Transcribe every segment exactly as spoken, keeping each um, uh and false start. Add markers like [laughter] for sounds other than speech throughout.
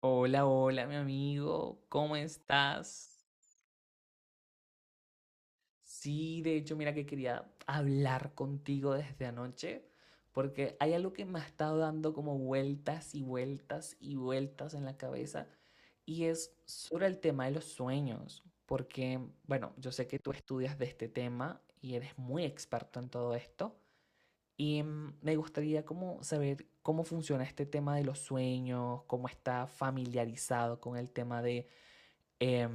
Hola, hola, mi amigo, ¿cómo estás? Sí, de hecho, mira que quería hablar contigo desde anoche, porque hay algo que me ha estado dando como vueltas y vueltas y vueltas en la cabeza, y es sobre el tema de los sueños, porque, bueno, yo sé que tú estudias de este tema y eres muy experto en todo esto, y mm, me gustaría como saber cómo funciona este tema de los sueños, cómo está familiarizado con el tema de eh,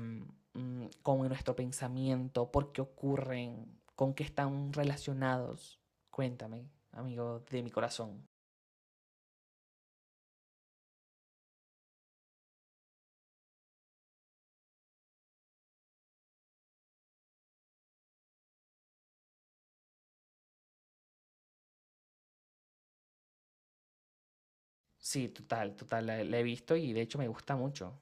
con nuestro pensamiento, por qué ocurren, con qué están relacionados. Cuéntame, amigo de mi corazón. Sí, total, total, la, la he visto y de hecho me gusta mucho.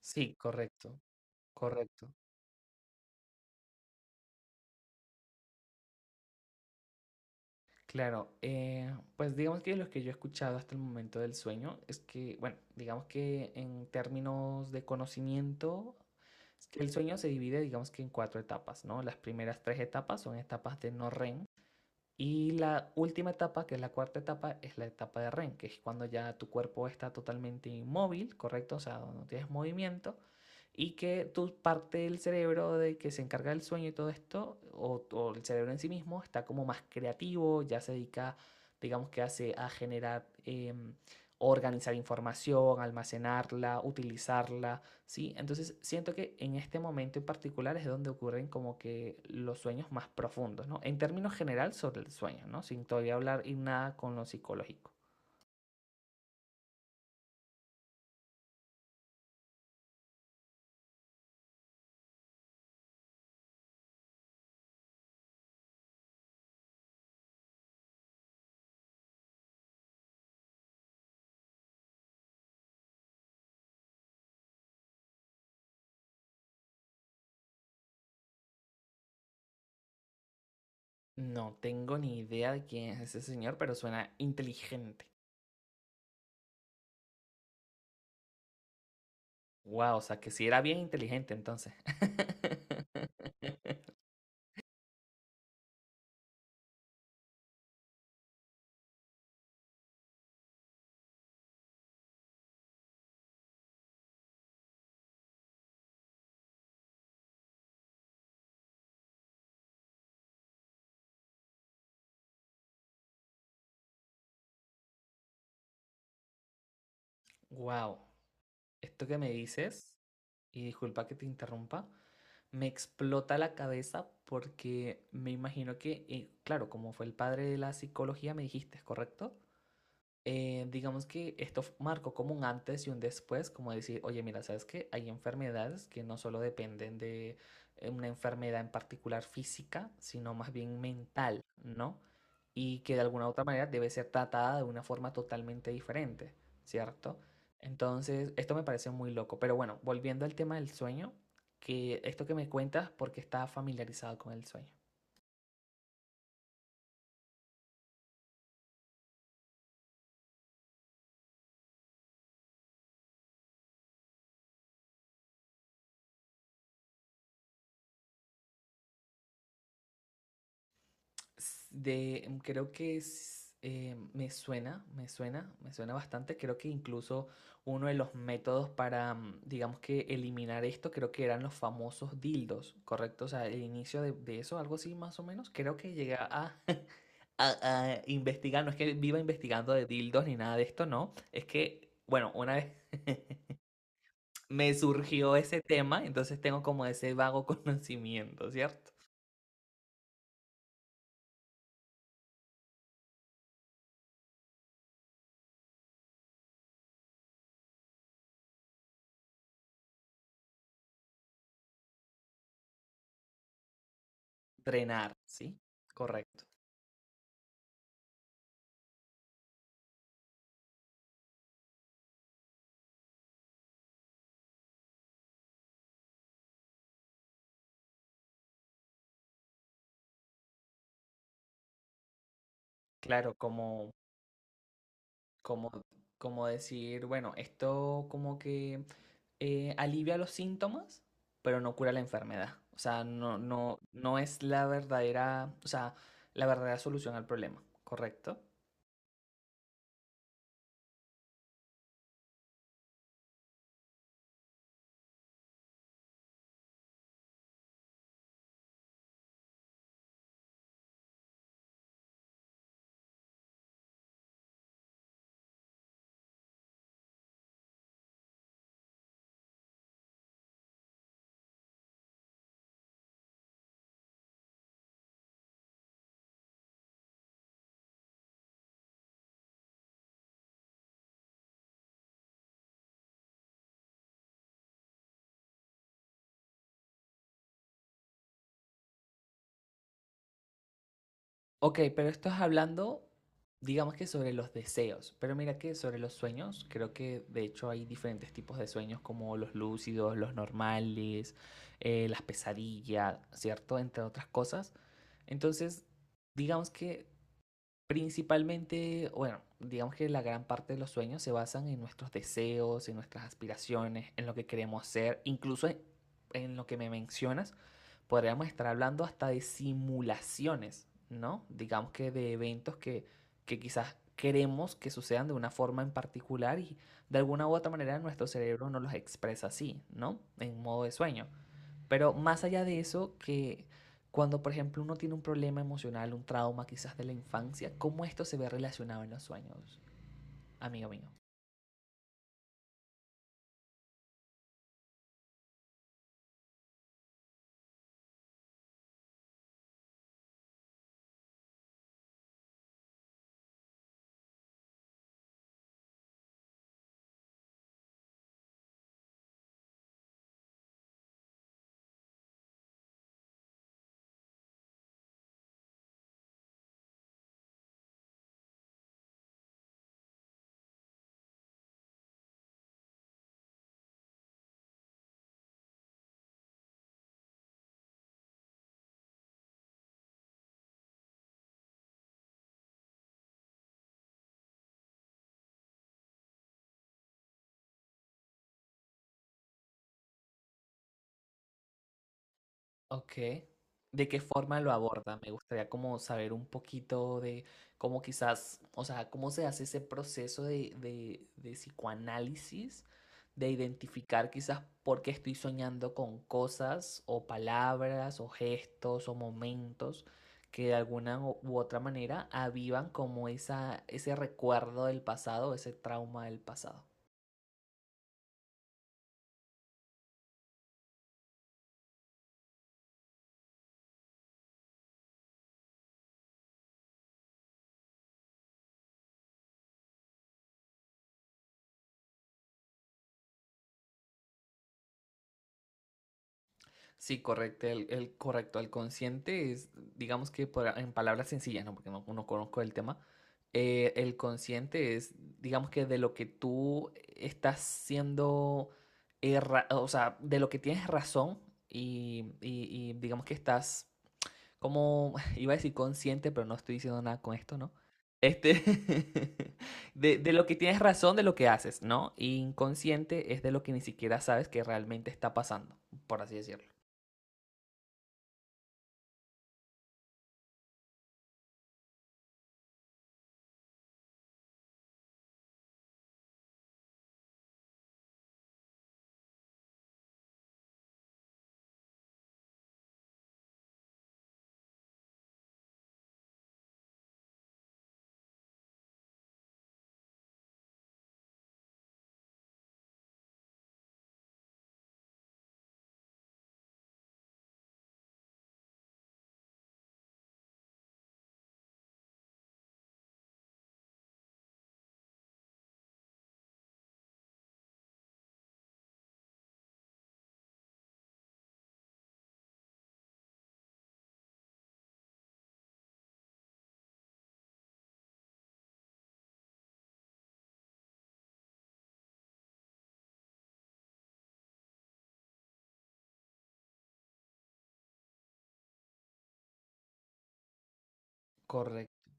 Sí, correcto, correcto. Claro, eh, pues digamos que lo que yo he escuchado hasta el momento del sueño es que, bueno, digamos que en términos de conocimiento, es que el sueño se divide, digamos que en cuatro etapas, ¿no? Las primeras tres etapas son etapas de no R E M. Y la última etapa, que es la cuarta etapa, es la etapa de R E M, que es cuando ya tu cuerpo está totalmente inmóvil, ¿correcto? O sea, donde no tienes movimiento y que tu parte del cerebro de que se encarga del sueño y todo esto, o, o el cerebro en sí mismo, está como más creativo, ya se dedica, digamos que hace a generar, em, organizar información, almacenarla, utilizarla, ¿sí? Entonces siento que en este momento en particular es donde ocurren como que los sueños más profundos, ¿no? En términos general sobre el sueño, ¿no? Sin todavía hablar y nada con lo psicológico. No tengo ni idea de quién es ese señor, pero suena inteligente. Wow, o sea que sí era bien inteligente entonces. [laughs] Wow, esto que me dices y disculpa que te interrumpa, me explota la cabeza porque me imagino que, eh, claro, como fue el padre de la psicología, me dijiste, es ¿correcto? Eh, digamos que esto f- marcó como un antes y un después, como decir, oye, mira, ¿sabes qué? Hay enfermedades que no solo dependen de eh, una enfermedad en particular física, sino más bien mental, ¿no? Y que de alguna u otra manera debe ser tratada de una forma totalmente diferente, ¿cierto? Entonces, esto me parece muy loco. Pero bueno, volviendo al tema del sueño, que esto que me cuentas, porque está familiarizado con el sueño. s- De, mm, creo que es, eh, me suena, me suena, me suena bastante. Creo que incluso uno de los métodos para, mm, digamos que eliminar esto, creo que eran los famosos dildos, ¿correcto? O sea, el inicio de, de eso, algo así más o menos. Creo que llegué a, [laughs] a, a investigar, no es que viva investigando de dildos ni nada de esto, no. Es que, bueno, una vez [laughs] me surgió ese tema, entonces tengo como ese vago [laughs] conocimiento, ¿cierto? Drenar, ¿sí? Correcto. Claro, como, como, como decir, bueno, esto como que eh, alivia los síntomas, pero no cura la enfermedad. O sea, no, no, no es la verdadera, o sea, la verdadera solución al problema, ¿correcto? Ok, pero esto es hablando, digamos que sobre los deseos, pero mira que sobre los sueños, creo que de hecho hay diferentes tipos de sueños como los lúcidos, los normales, eh, las pesadillas, ¿cierto? Entre otras cosas. Entonces, digamos que principalmente, bueno, digamos que la gran parte de los sueños se basan en nuestros deseos, en nuestras aspiraciones, en lo que queremos ser, incluso en, en lo que me mencionas, podríamos estar hablando hasta de simulaciones, ¿no? Digamos que de eventos que, que quizás queremos que sucedan de una forma en particular y de alguna u otra manera nuestro cerebro nos los expresa así, ¿no? En modo de sueño. Pero más allá de eso, que cuando por ejemplo uno tiene un problema emocional, un trauma quizás de la infancia, ¿cómo esto se ve relacionado en los sueños, amigo mío? Ok. ¿De qué forma lo aborda? Me gustaría como saber un poquito de cómo quizás, o sea, cómo se hace ese proceso de, de, de psicoanálisis, de identificar quizás por qué estoy soñando con cosas o palabras o gestos o momentos que de alguna u u otra manera avivan como esa, ese recuerdo del pasado, ese trauma del pasado. Sí, correcto. El, el correcto, el consciente es, digamos que por- en palabras sencillas, ¿no? Porque no, no conozco el tema. Eh, el consciente es, digamos que de lo que tú estás siendo, erra- o sea, de lo que tienes razón y, y- y digamos que estás como, [laughs] iba a decir consciente, pero no estoy diciendo nada con esto, ¿no? Este, [laughs] de, de lo que tienes razón, de lo que haces, ¿no? Y inconsciente es de lo que ni siquiera sabes que realmente está pasando, por así decirlo. Correcto.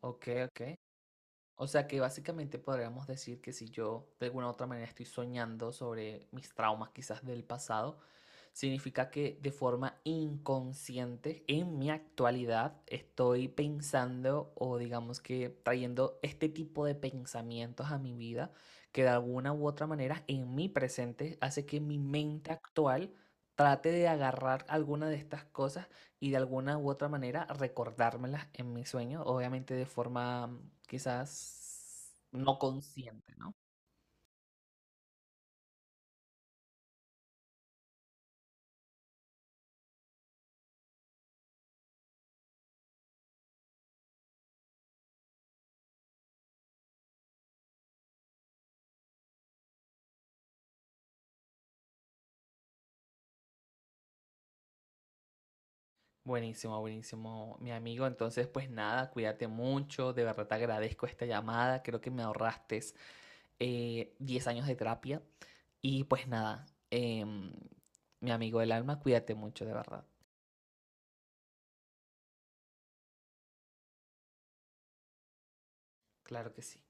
Ok, ok. O sea que básicamente podríamos decir que si yo de alguna u otra manera estoy soñando sobre mis traumas quizás del pasado, significa que de forma inconsciente en mi actualidad estoy pensando o digamos que trayendo este tipo de pensamientos a mi vida que de alguna u otra manera en mi presente hace que mi mente actual trate de agarrar alguna de estas cosas y de alguna u otra manera recordármelas en mis sueños, obviamente de forma mm, quizás no consciente, ¿no? Buenísimo, buenísimo, mi amigo. Entonces, pues nada, cuídate mucho. De verdad te agradezco esta llamada. Creo que me ahorraste eh, diez años de terapia. Y pues nada, em, mi amigo del alma, cuídate mucho, de verdad. Claro que sí.